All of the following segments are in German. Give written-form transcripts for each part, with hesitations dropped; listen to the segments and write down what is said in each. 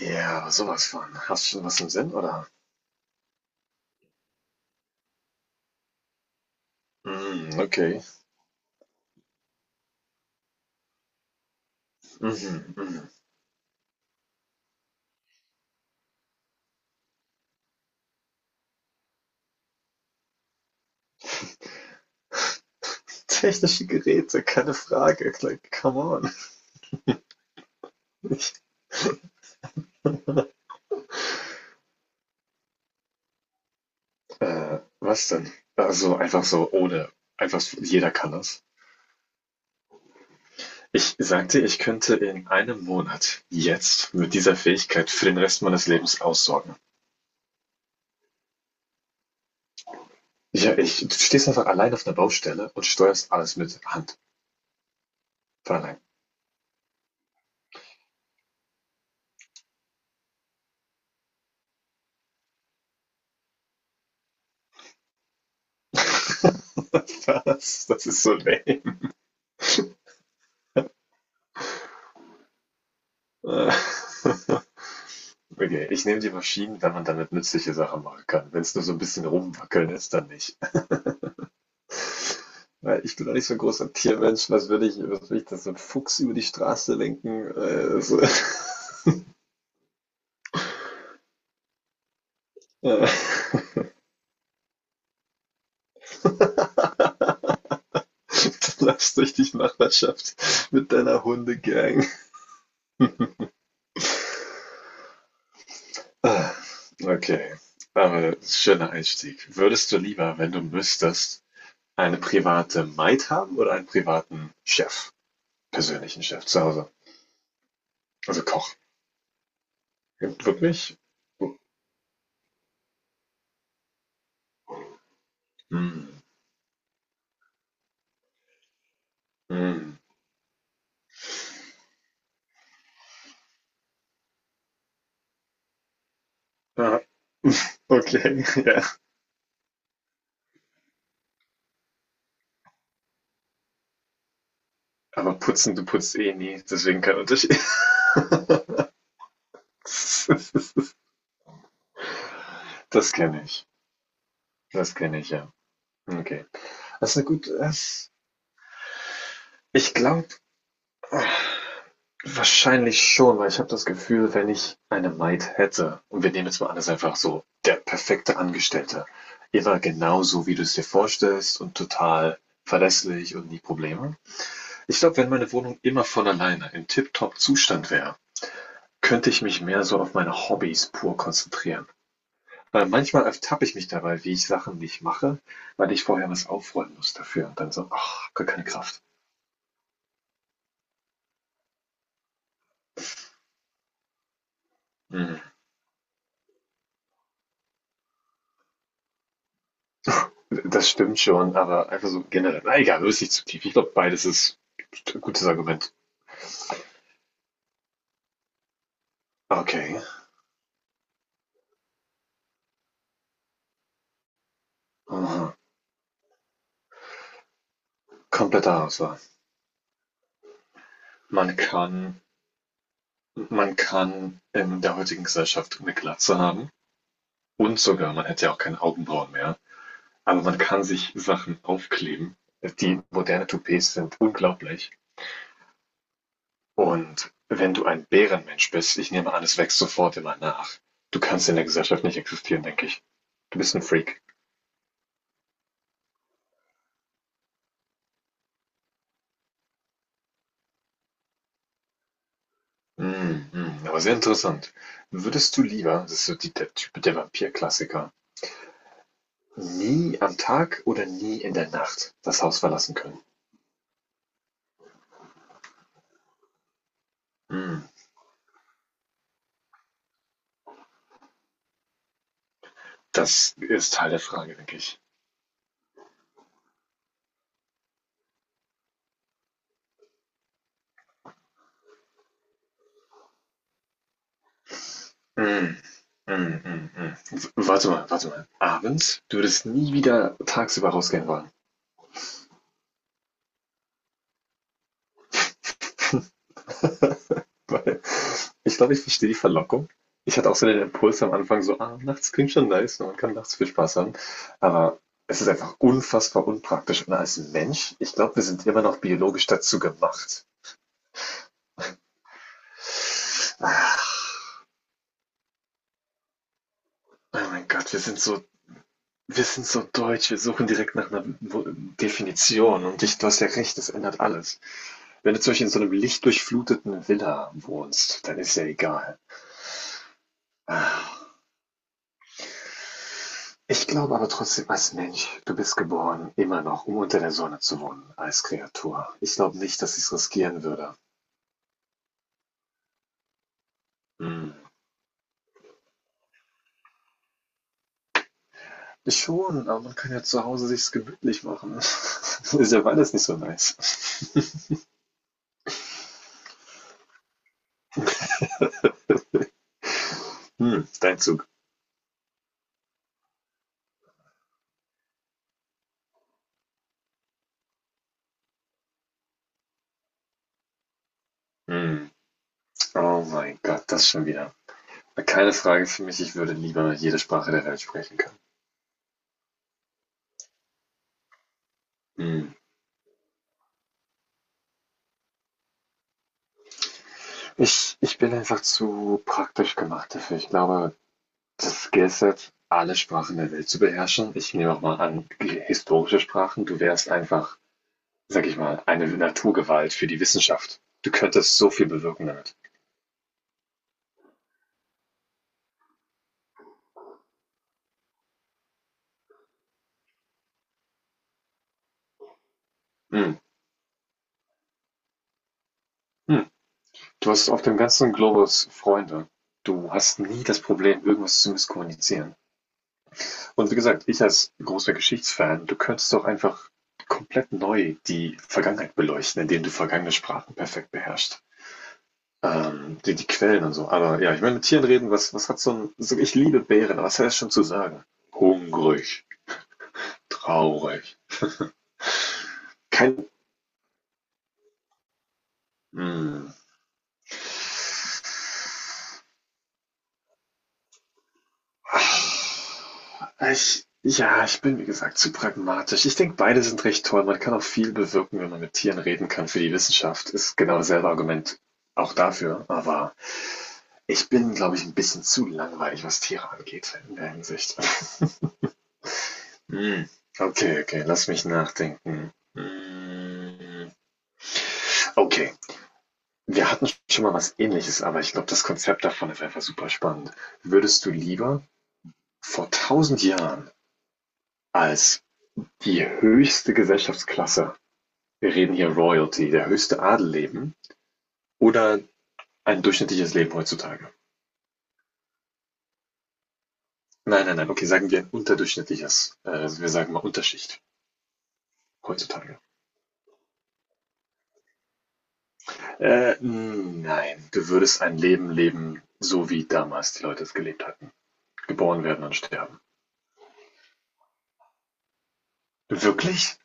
Ja, sowas von. Hast schon was im Sinn, oder? Mm, okay. Mhm, mhm. Technische Geräte, keine Frage. Like, come on. Ich, Was denn? Also einfach so ohne. Einfach so, jeder kann das. Ich sagte, ich könnte in einem Monat jetzt mit dieser Fähigkeit für den Rest meines Lebens aussorgen. Ja, ich, du stehst einfach allein auf einer Baustelle und steuerst alles mit Hand. Von allein. Was? Das ist so lame. Äh, Okay, ich nehme die Maschinen, wenn man damit nützliche Sachen machen kann. Wenn es nur so ein bisschen rumwackeln ist, dann nicht. Weil ich bin doch nicht so ein großer Tiermensch. Was würde ich das so ein Fuchs über die Straße lenken? So. Äh. Du läufst durch die Nachbarschaft mit deiner Hundegang. Ah, Okay, aber schöner Einstieg. Würdest du lieber, wenn du müsstest, eine private Maid haben oder einen privaten Chef? Persönlichen Chef zu Hause. Also Koch. Wirklich? Hm, hm. Ja, okay, ja. Aber putzen, du putzt eh nie, deswegen kein Unterschied. Das kenne ich. Das kenne ich, ja. Okay. Also gut, ich glaube wahrscheinlich schon, weil ich habe das Gefühl, wenn ich eine Maid hätte, und wir nehmen jetzt mal an, das ist einfach so der perfekte Angestellte, immer genau so, wie du es dir vorstellst und total verlässlich und nie Probleme. Ich glaube, wenn meine Wohnung immer von alleine im tipptopp Zustand wäre, könnte ich mich mehr so auf meine Hobbys pur konzentrieren. Weil manchmal ertappe ich mich dabei, wie ich Sachen nicht mache, weil ich vorher was aufräumen muss dafür. Und dann so, ach, gar keine Kraft. Mhm. Das stimmt schon, aber einfach so generell. Na egal, löst sich zu tief. Ich glaube, beides ist ein gutes Argument. Okay. Mhm. Kompletter Auswahl. Man kann, man kann in der heutigen Gesellschaft eine Glatze haben. Und sogar, man hätte ja auch keine Augenbrauen mehr. Aber man kann sich Sachen aufkleben. Die moderne Toupets sind unglaublich. Und wenn du ein Bärenmensch bist, ich nehme an, es wächst sofort immer nach. Du kannst in der Gesellschaft nicht existieren, denke ich. Du bist ein Freak. Mm, mm, aber sehr interessant. Würdest du lieber, das ist so die, der Typ der Vampir-Klassiker, nie am Tag oder nie in der Nacht das Haus verlassen können? Mm, das ist Teil der Frage, denke ich. Mhm. Mhm, mhm, mhm. W- Warte mal, warte mal. Abends? Du würdest nie wieder tagsüber rausgehen wollen. Weil ich glaube, ich verstehe die Verlockung. Ich hatte auch so den Impuls am Anfang so, ah, nachts klingt schon nice und man kann nachts viel Spaß haben. Aber es ist einfach unfassbar unpraktisch. Und als Mensch, ich glaube, wir sind immer noch biologisch dazu gemacht. Oh mein Gott, wir sind so deutsch. Wir suchen direkt nach einer Wo- Definition. Und ich, du hast ja recht, das ändert alles. Wenn du zum Beispiel in so einem lichtdurchfluteten Villa wohnst, dann ist ja egal. Ich glaube aber trotzdem als Mensch, du bist geboren immer noch, um unter der Sonne zu wohnen als Kreatur. Ich glaube nicht, dass ich's riskieren würde. Hm, schon, aber man kann ja zu Hause sich's gemütlich machen. Ist ja beides nicht so nice. Hm, dein Zug. Hm, oh mein Gott, das schon wieder. Keine Frage für mich, ich würde lieber jede Sprache der Welt sprechen können. Hm, ich bin einfach zu praktisch gemacht dafür. Ich glaube, das Skill Set, alle Sprachen der Welt zu beherrschen. Ich nehme auch mal an, g- historische Sprachen. Du wärst einfach, sag ich mal, eine Naturgewalt für die Wissenschaft. Du könntest so viel bewirken damit. Hm. Hm. Du hast auf dem ganzen Globus Freunde. Du hast nie das Problem, irgendwas zu misskommunizieren. Und wie gesagt, ich als großer Geschichtsfan, du könntest doch einfach komplett neu die Vergangenheit beleuchten, indem du vergangene Sprachen perfekt beherrschst. Die, die Quellen und so. Aber ja, ich meine, mit Tieren reden, was, was hat so ein. So, ich liebe Bären, aber was hat das schon zu sagen? Hungrig, traurig. Kein. Mm. Ah, Ich, ja, ich bin wie gesagt zu pragmatisch. Ich denke, beide sind recht toll. Man kann auch viel bewirken, wenn man mit Tieren reden kann für die Wissenschaft. Ist genau dasselbe Argument auch dafür. Aber ich bin, glaube ich, ein bisschen zu langweilig, was Tiere angeht in der Hinsicht. Hm. Okay, okay, lass mich nachdenken. Hm. Okay, wir hatten schon mal was Ähnliches, aber ich glaube, das Konzept davon ist einfach super spannend. Würdest du lieber vor 1000 Jahren als die höchste Gesellschaftsklasse, wir reden hier Royalty, der höchste Adel leben, oder ein durchschnittliches Leben heutzutage? Nein, nein, nein, okay, sagen wir ein unterdurchschnittliches, wir sagen mal Unterschicht heutzutage. Nein, du würdest ein Leben leben, so wie damals die Leute es gelebt hatten. Geboren werden und sterben. Wirklich?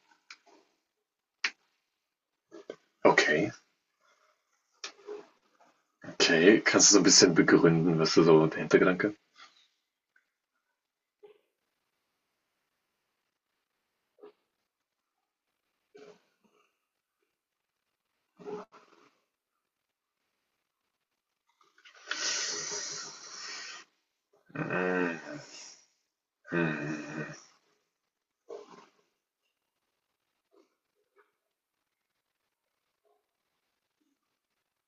Okay. Okay, kannst du so ein bisschen begründen, was du so der Hintergedanke? Hm, mhm,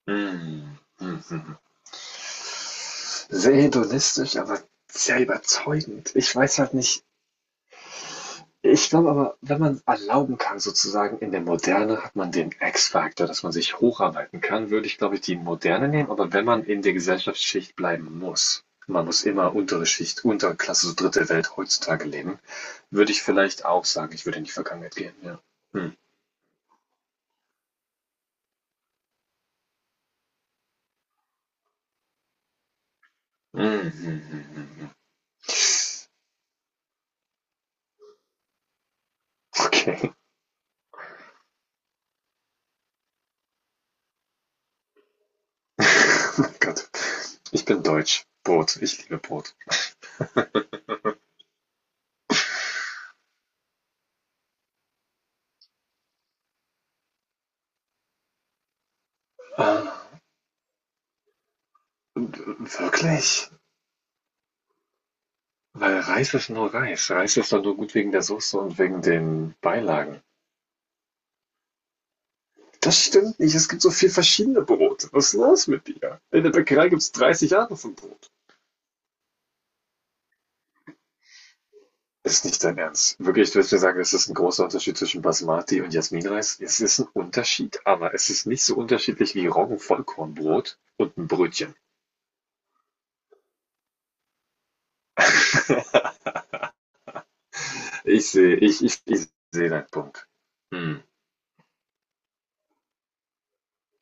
mhm, mhm, mhm. Sehr hedonistisch, aber sehr überzeugend. Ich weiß halt nicht ich glaube aber, wenn man erlauben kann sozusagen, in der Moderne hat man den X-Faktor, dass man sich hocharbeiten kann, würde ich, glaube ich, die Moderne nehmen, aber wenn man in der Gesellschaftsschicht bleiben muss man muss immer untere Schicht, untere Klasse, so dritte Welt heutzutage leben, würde ich vielleicht auch sagen, ich würde in die Vergangenheit gehen, ja. Mhm. Mhm, mhm, mhm. Okay. Gott. Ich bin deutsch. Brot. Ich liebe Brot. Ähm, Wirklich? Weil Reis ist nur Reis. Reis ist doch nur gut wegen der Soße und wegen den Beilagen. Das stimmt nicht. Es gibt so viel verschiedene Brote. Was ist los mit dir? In der Bäckerei gibt es 30 Arten von Brot. Ist nicht dein Ernst. Wirklich, du willst mir sagen, es ist ein großer Unterschied zwischen Basmati und Jasminreis? Es ist ein Unterschied, aber es ist nicht so unterschiedlich wie Roggenvollkornbrot und ein Brötchen. Ich sehe, ich sehe deinen Punkt. Hm.